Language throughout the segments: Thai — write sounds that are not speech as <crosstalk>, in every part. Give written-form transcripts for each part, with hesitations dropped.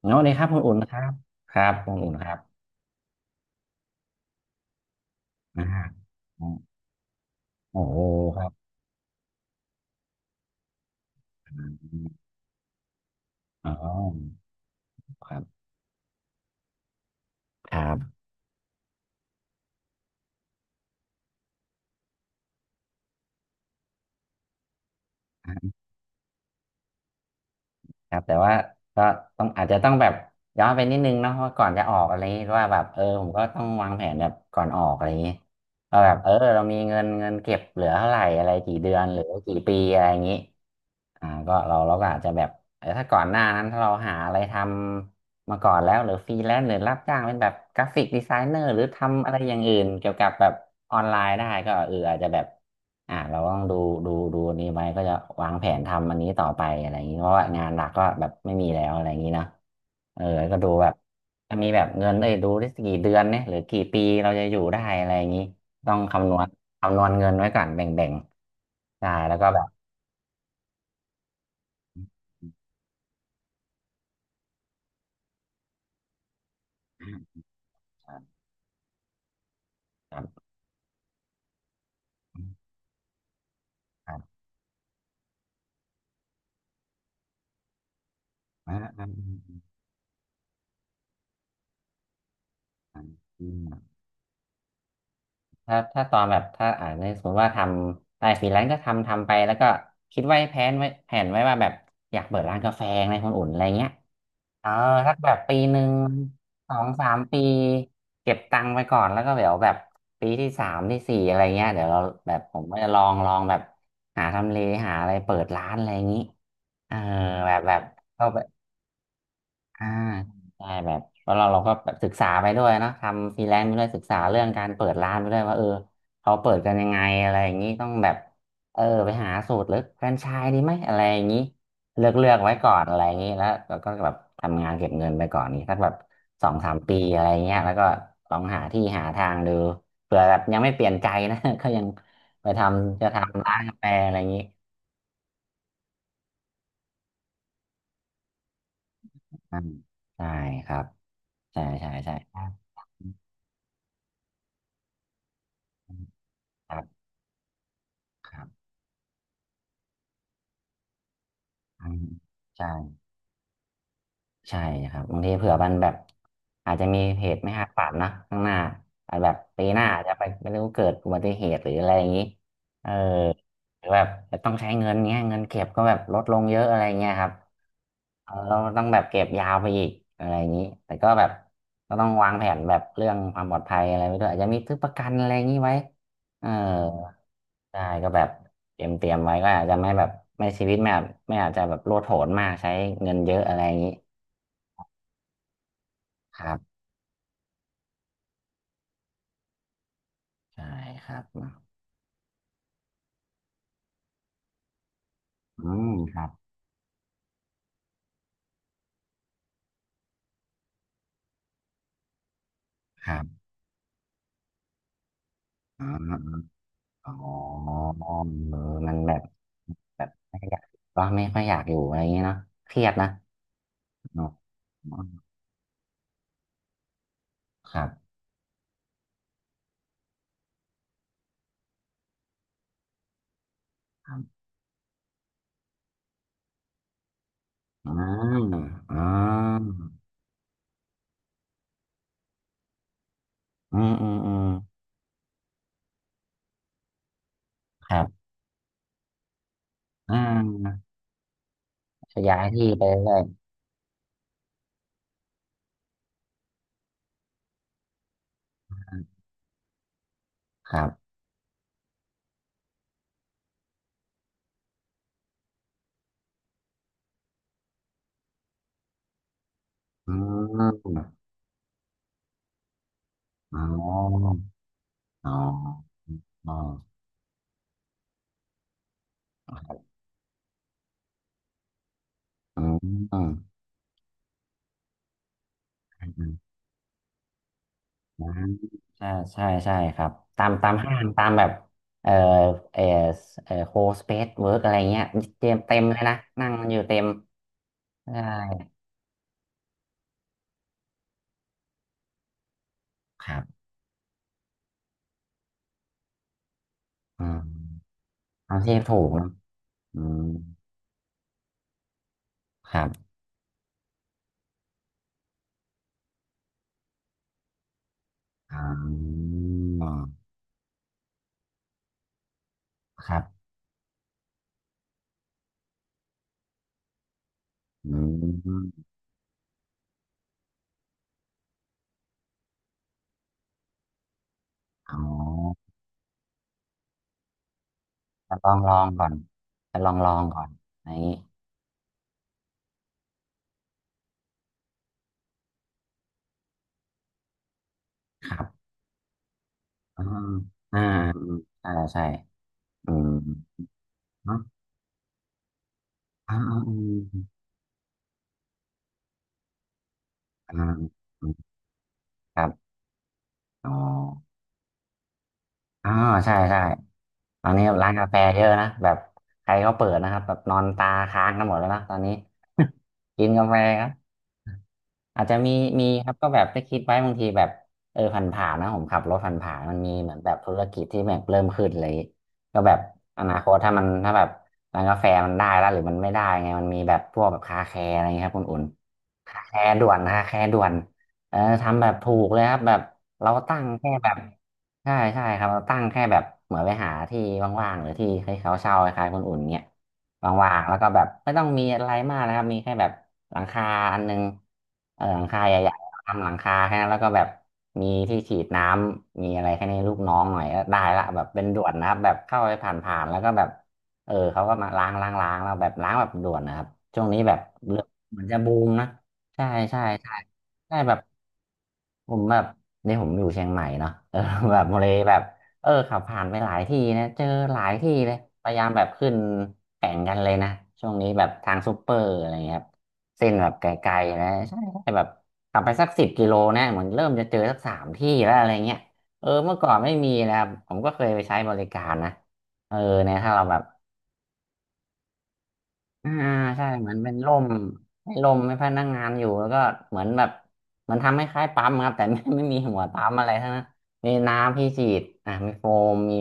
สวัสดีครับคุณอุ่นนะครับครับคุณอุ่นครับอ่าโอ้โหครับอ๋อครับครับครับแต่ว่าก็ต้องอาจจะต้องแบบย้อนไปนิดนึงเนาะว่าก่อนจะออกอะไรอย่างงี้ว่าแบบเออผมก็ต้องวางแผนแบบก่อนออกอะไรอย่างงี้ว่าแบบเออเรามีเงินเก็บเหลือเท่าไหร่อะไรกี่เดือนหรือกี่ปีอะไรอย่างงี้ อ่าก็เราก็อาจจะแบบเออถ้าก่อนหน้านั้นถ้าเราหาอะไรทำมาก่อนแล้วหรือฟรีแลนซ์หรือรับจ้างเป็นแบบกราฟิกดีไซเนอร์หรือทำอะไรอย่างอื่นเกี่ยวกับแบบออนไลน์ได้ก็เอออาจจะแบบอ่าเราก็ต้องดูอันนี้ไว้ก็จะวางแผนทำอันนี้ต่อไปอะไรอย่างนี้เพราะว่างานหลักก็แบบไม่มีแล้วอะไรอย่างนี้เนอะเออแล้วก็ดูแบบจะมีแบบเงินเลยดูได้กี่เดือนเนี่ยหรือกี่ปีเราจะอยู่ได้อะไรอย่างนี้ต้องคำนวณเงินไว้ก่อนแบ่งๆใช่แล้วก็แบบ ครับครับอ่าอ่าอ่าอืมถ้าถ้าตอนแบบถ้าอ่านในสมมติว่าทำได้ฟรีแลนซ์ก็ทำไปแล้วก็คิดไว้แผนไว้ว่าแบบอยากเปิดร้านกาแฟในคนอุ่นอะไรเงี้ยเออสักแบบปีหนึ่งสองสามปีเก็บตังค์ไปก่อนแล้วก็เดี๋ยวแบบปีที่สามที่สี่อะไรเงี้ยเดี๋ยวเราแบบผมก็จะลองแบบหาทำเลหาอะไรเปิดร้านอะไรอย่างนี้เออแบบแบบเข้าไป อ่าใช่แบบเพราะเราก็แบบศึกษาไปด้วยเนอะทำฟรีแลนซ์ไปด้วยศึกษาเรื่องการเปิดร้านไปด้วยว่าเออเขาเปิดกันยังไงอะไรอย่างนี้ต้องแบบเออไปหาสูตรหรือแฟรนไชส์ดีไหมอะไรอย่างนี้เลือกไว้ก่อนอะไรอย่างนี้แล้วเราก็แบบทำงานเก็บเงินไปก่อนนี้สักแบบสองสามปีอะไรเงี้ยแล้วก็ลองหาที่หาทางดูเผื่อแบบยังไม่เปลี่ยนใจนะ <laughs> ก็ยังไปทำจะทำร้านกาแฟอะไรอย่างนี้อ่าใช่ครับใช่ใช่ใช่ครับครับ อืมใช่ ใช่ครับบางทีเผื่อมันแบบอาจจะมีเหตุไม่คาดฝันนะข้างหน้าอาจแบบปีหน้าอาจจะไปไม่รู้เกิดอุบัติเหตุหรืออะไรอย่างนี้เออหรือแบบต้องใช้เงินเงี้ยเงินเก็บก็แบบลดลงเยอะอะไรเงี้ยครับเออเราต้องแบบเก็บยาวไปอีกอะไรอย่างนี้แต่ก็แบบก็ต้องวางแผนแบบเรื่องความปลอดภัยอะไรไว้ด้วยอาจจะมีซื้อประกันอะไรอย่างนี้ไว้เออได้ก็แบบเตรียมไว้ก็อาจจะไม่แบบไม่ชีวิตไม่อาจจะแบบโลดโผนมากใช้เงินเยอะอะไรอย่างนี้ ครับใช่ครับอืมครับครับอ๋ออ๋อเออมันแบบแบบไม่อยากก็ไม่ค่อยอยากอยู่อะไรอย่างเงี้ยเนาะเครียดนะเนอะอืมครับครับอ่าอ่าอืมอืมอืมครับอ่าขยายที่ไปเรื่อยๆครับอืมอ๋ออ๋ออ๋ออืม อ่าใช่ใช่ใช่ครับ ตามห้างตามแบบเอ่อเอ่อโคสเปซเวิร์กอะไรเงี้ยเต็มเลยนะ นั่งกันอยู่เต็มใช่ครับอืมเอาที่ถูกนะอืมครับอ๋อครับอืมอ๋อจะลองลองก่อนจะลองลองก่อนอะไรอย่างนี้ครับอ่าอ่าอ่าใช่ใช่อืมเนาะอ่าอ่าอ่อ่าครับอ๋อ อ๋อใช่ใช่ตอนนี้ร้านกาแฟเยอะนะแบบใครเขาเปิดนะครับแบบนอนตาค้างกันหมดแล้วนะตอนนี้ <laughs> กินกาแฟครับ อาจจะมีมีครับก็แบบได้คิดไว้บางทีแบบเออผ่านๆนะผมขับรถผ่านๆมันมีเหมือนแบบธุรกิจที่แบบเริ่มขึ้นเลยก็แบบอนาคตถ้ามันถ้าแบบร้านกาแฟมันได้แล้วหรือมันไม่ได้ไงมันมีแบบพวกแบบคาแคร์อะไรเงี้ยครับคุณอุ่นคาแคร์ด่วนเออทำแบบถูกเลยครับแบบเราตั้งแค่แบบใช่ใช่ครับเราตั้งแค่แบบเหมือนไปหาที่ว่างๆหรือที่ให้เขาเช่าคล้ายๆคนอุ่นเงี้ยว่างๆแล้วก็แบบไม่ต้องมีอะไรมากนะครับมีแค่แบบ หลังคาอันหนึงเออหลังคาใหญ่ๆทำหลังคาแค่นั้นแล้วก็แบบมีที่ฉีดน้ำมีอะไรแค่นี้ลูกน้องหน่อยก็ได้ละแบบเป็นด่วนนะครับแบบเข้าไปผ่านๆแล้วก็แบบเออเขาก็มาล้างล้างล้างแล้วแบบล้างแบบด่วนนะครับช่วงนี้แบบเรื่องเหมือนจะบูมนะใช่ใช่ใช่ใช่แบบผมแบบนี่ผมอยู่เชียงใหม่เนาะ <laughs> เออแบบเลยแบบ เออขับผ่านไปหลายที่นะเจอหลายที่เลยพยายามแบบขึ้นแข่งกันเลยนะช่วงนี้แบบทางซูเปอร์อะไรเงี้ยครับเส้นแบบไกลๆนะใช่ใช่แบบขับไปสัก10 กิโลนะเหมือนเริ่มจะเจอสักสามที่แล้วอะไรเงี้ยเออเมื่อก่อนไม่มีนะครับผมก็เคยไปใช้บริการนะเออเนี่ยถ้าเราแบบ อ่าใช่เหมือนเป็นร่มให้ร่มให้พนักงานอยู่แล้วก็เหมือนแบบมันทำให้คล้ายปั๊มครับแต่ไม่ <laughs> ไม่มีหัวปั๊มอะไรทั้งนั้นมีน้ำที่ฉีดอ่ามีโฟมมี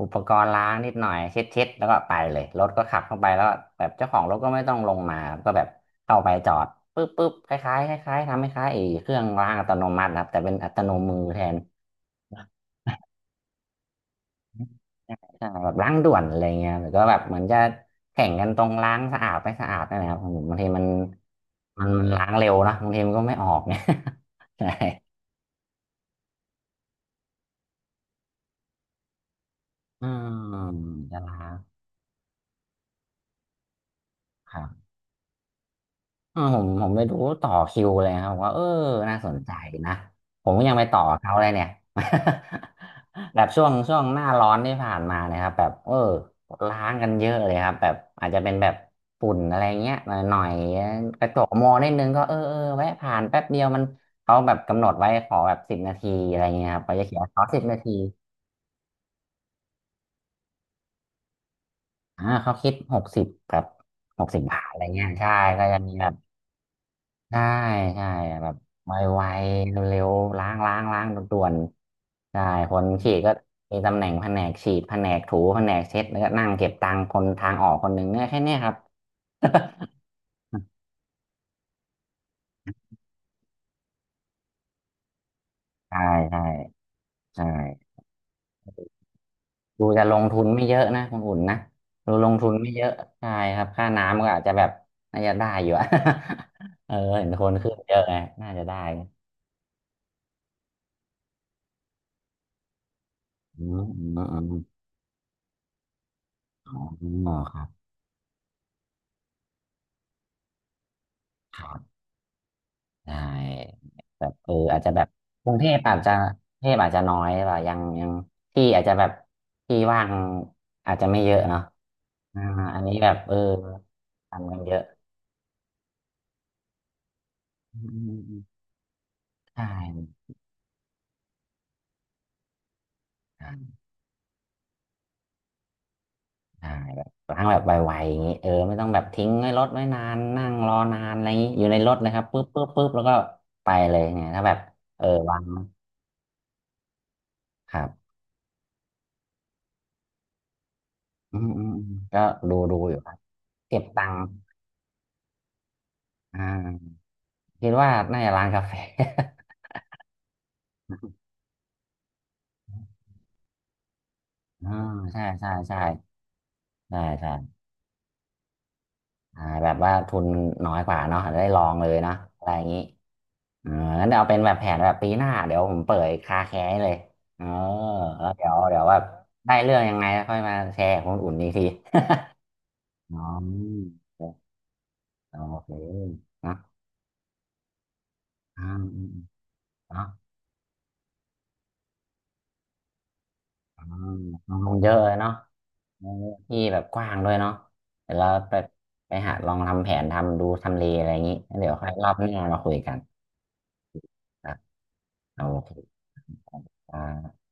อุปกรณ์ล้างนิดหน่อยเช็ดเช็ดแล้วก็ไปเลยรถก็ขับเข้าไปแล้วก็แบบเจ้าของรถก็ไม่ต้องลงมาครับก็แบบเข้าไปจอดปุ๊บปุ๊บคล้ายๆคล้ายๆทำให้คล้ายๆไอ้เครื่องล้างอัตโนมัตินะครับแต่เป็นอัตโนมือแทน ใช่แบบล้างด่วนอะไรเงี้ยหรือก็แบบเหมือนจะแข่งกันตรงล้างสะอาดไม่สะอาดนั่นแหละครับบางทีมันมันล้างเร็วนะบางทีมันก็ไม่ออกเนี่ย <laughs> ใช่อืมจะล้างครับ อ่าผมไปดูต่อคิวเลยครับว่าเออน่าสนใจนะผมก็ยังไปต่อเขาเลยเนี่ย <laughs> แบบช่วงหน้าร้อนที่ผ่านมาเนะครับแบบเออล้างกันเยอะเลยครับแบบอาจจะเป็นแบบฝุ่นอะไรเงี้ยหน่อยหน่อยกระจกมองนิดนึงก็เออเออแวะผ่านแป๊บเดียวมันเขาแบบกำหนดไว้ขอแบบสิบนาทีอะไรเงี้ยครับเขาจะเขียนขอสิบนาทีอ่าเขาคิดหกสิบแบบ60 บาทอะไรเงี้ยใช่ก็จะมีแบบ ใช่ใช่แบบไวๆเร็วๆล้างล้างล้างด่วนๆใช่คนฉีดก็มีตำแหน่งแผนกฉีดแผนกถูแผนกเช็ดแล้วก็นั่งเก็บตังค์คนทางออกคนหนึ่งเนี่ยแค่เนี้ยครับ <laughs> ใช่ใช่ใช่ดูจะลงทุนไม่เยอะนะคุณอุ่นนะดูลงทุนไม่เยอะใช่ครับค่าน้ำก็อาจจะแบบน่าจะได้อยู่อะ <laughs> เออเห็นคนขึ้นเยอะไงน่าจะได้อืมอืมอืมอ๋อครับ ใช่แบบเอออาจจะแบบกรุงเทพอาจจะกรุงเทพอาจจะน้อยป่ายังที่อาจจะแบบที่ว่างอาจจะไม่เยอะเนาะอ่าอันนี้แบบเออทำกันเยอะอืมอืมอืมใช่ใช่ใช่แบบล้างแบบไวๆอย่างนี้เออไม่ต้องแบบทิ้งไว้รถไว้นานนั่งรอนานอะไรอย่างนี้อยู่ในรถเลยครับปุ๊บปุ๊บปุ๊บแล้วก็ไปเลยเนี่ยถ้าแบบเออวางครับอืมอืมอืมก็ดูอยู่ครับเก็บตังค์อ่าคิดว่าน่าจะร้านกาแฟ อ่าใช่ใช่ใช่ใช่ใช่อ่าแบบว่าทุนน้อยกว่าเนาะอาจจะได้ลองเลยเนาะอะไรอย่างนี้เอองั้นเดี๋ยวเอาเป็นแบบแผนแบบปีหน้าเดี๋ยวผมเปิดคาแคร์ให้เลยเออแล้วเดี๋ยวว่าได้เรื่องยังไงแล้วค่อยมาแชร์กับคนอุ่นอีกที <laughs> อ๋อโอเคนะอ่าอืมๆเนาะอ่าลงทุนเยอะเลยเนาะเออที่แบบกว้างด้วยเนาะเดี๋ยวเราไปหาลองทำแผนทำดูทำเลอะไรอย่างนี้แล้วเดี๋ยวค่อยรอบหน้ามาคุยกัน โอเคอ่า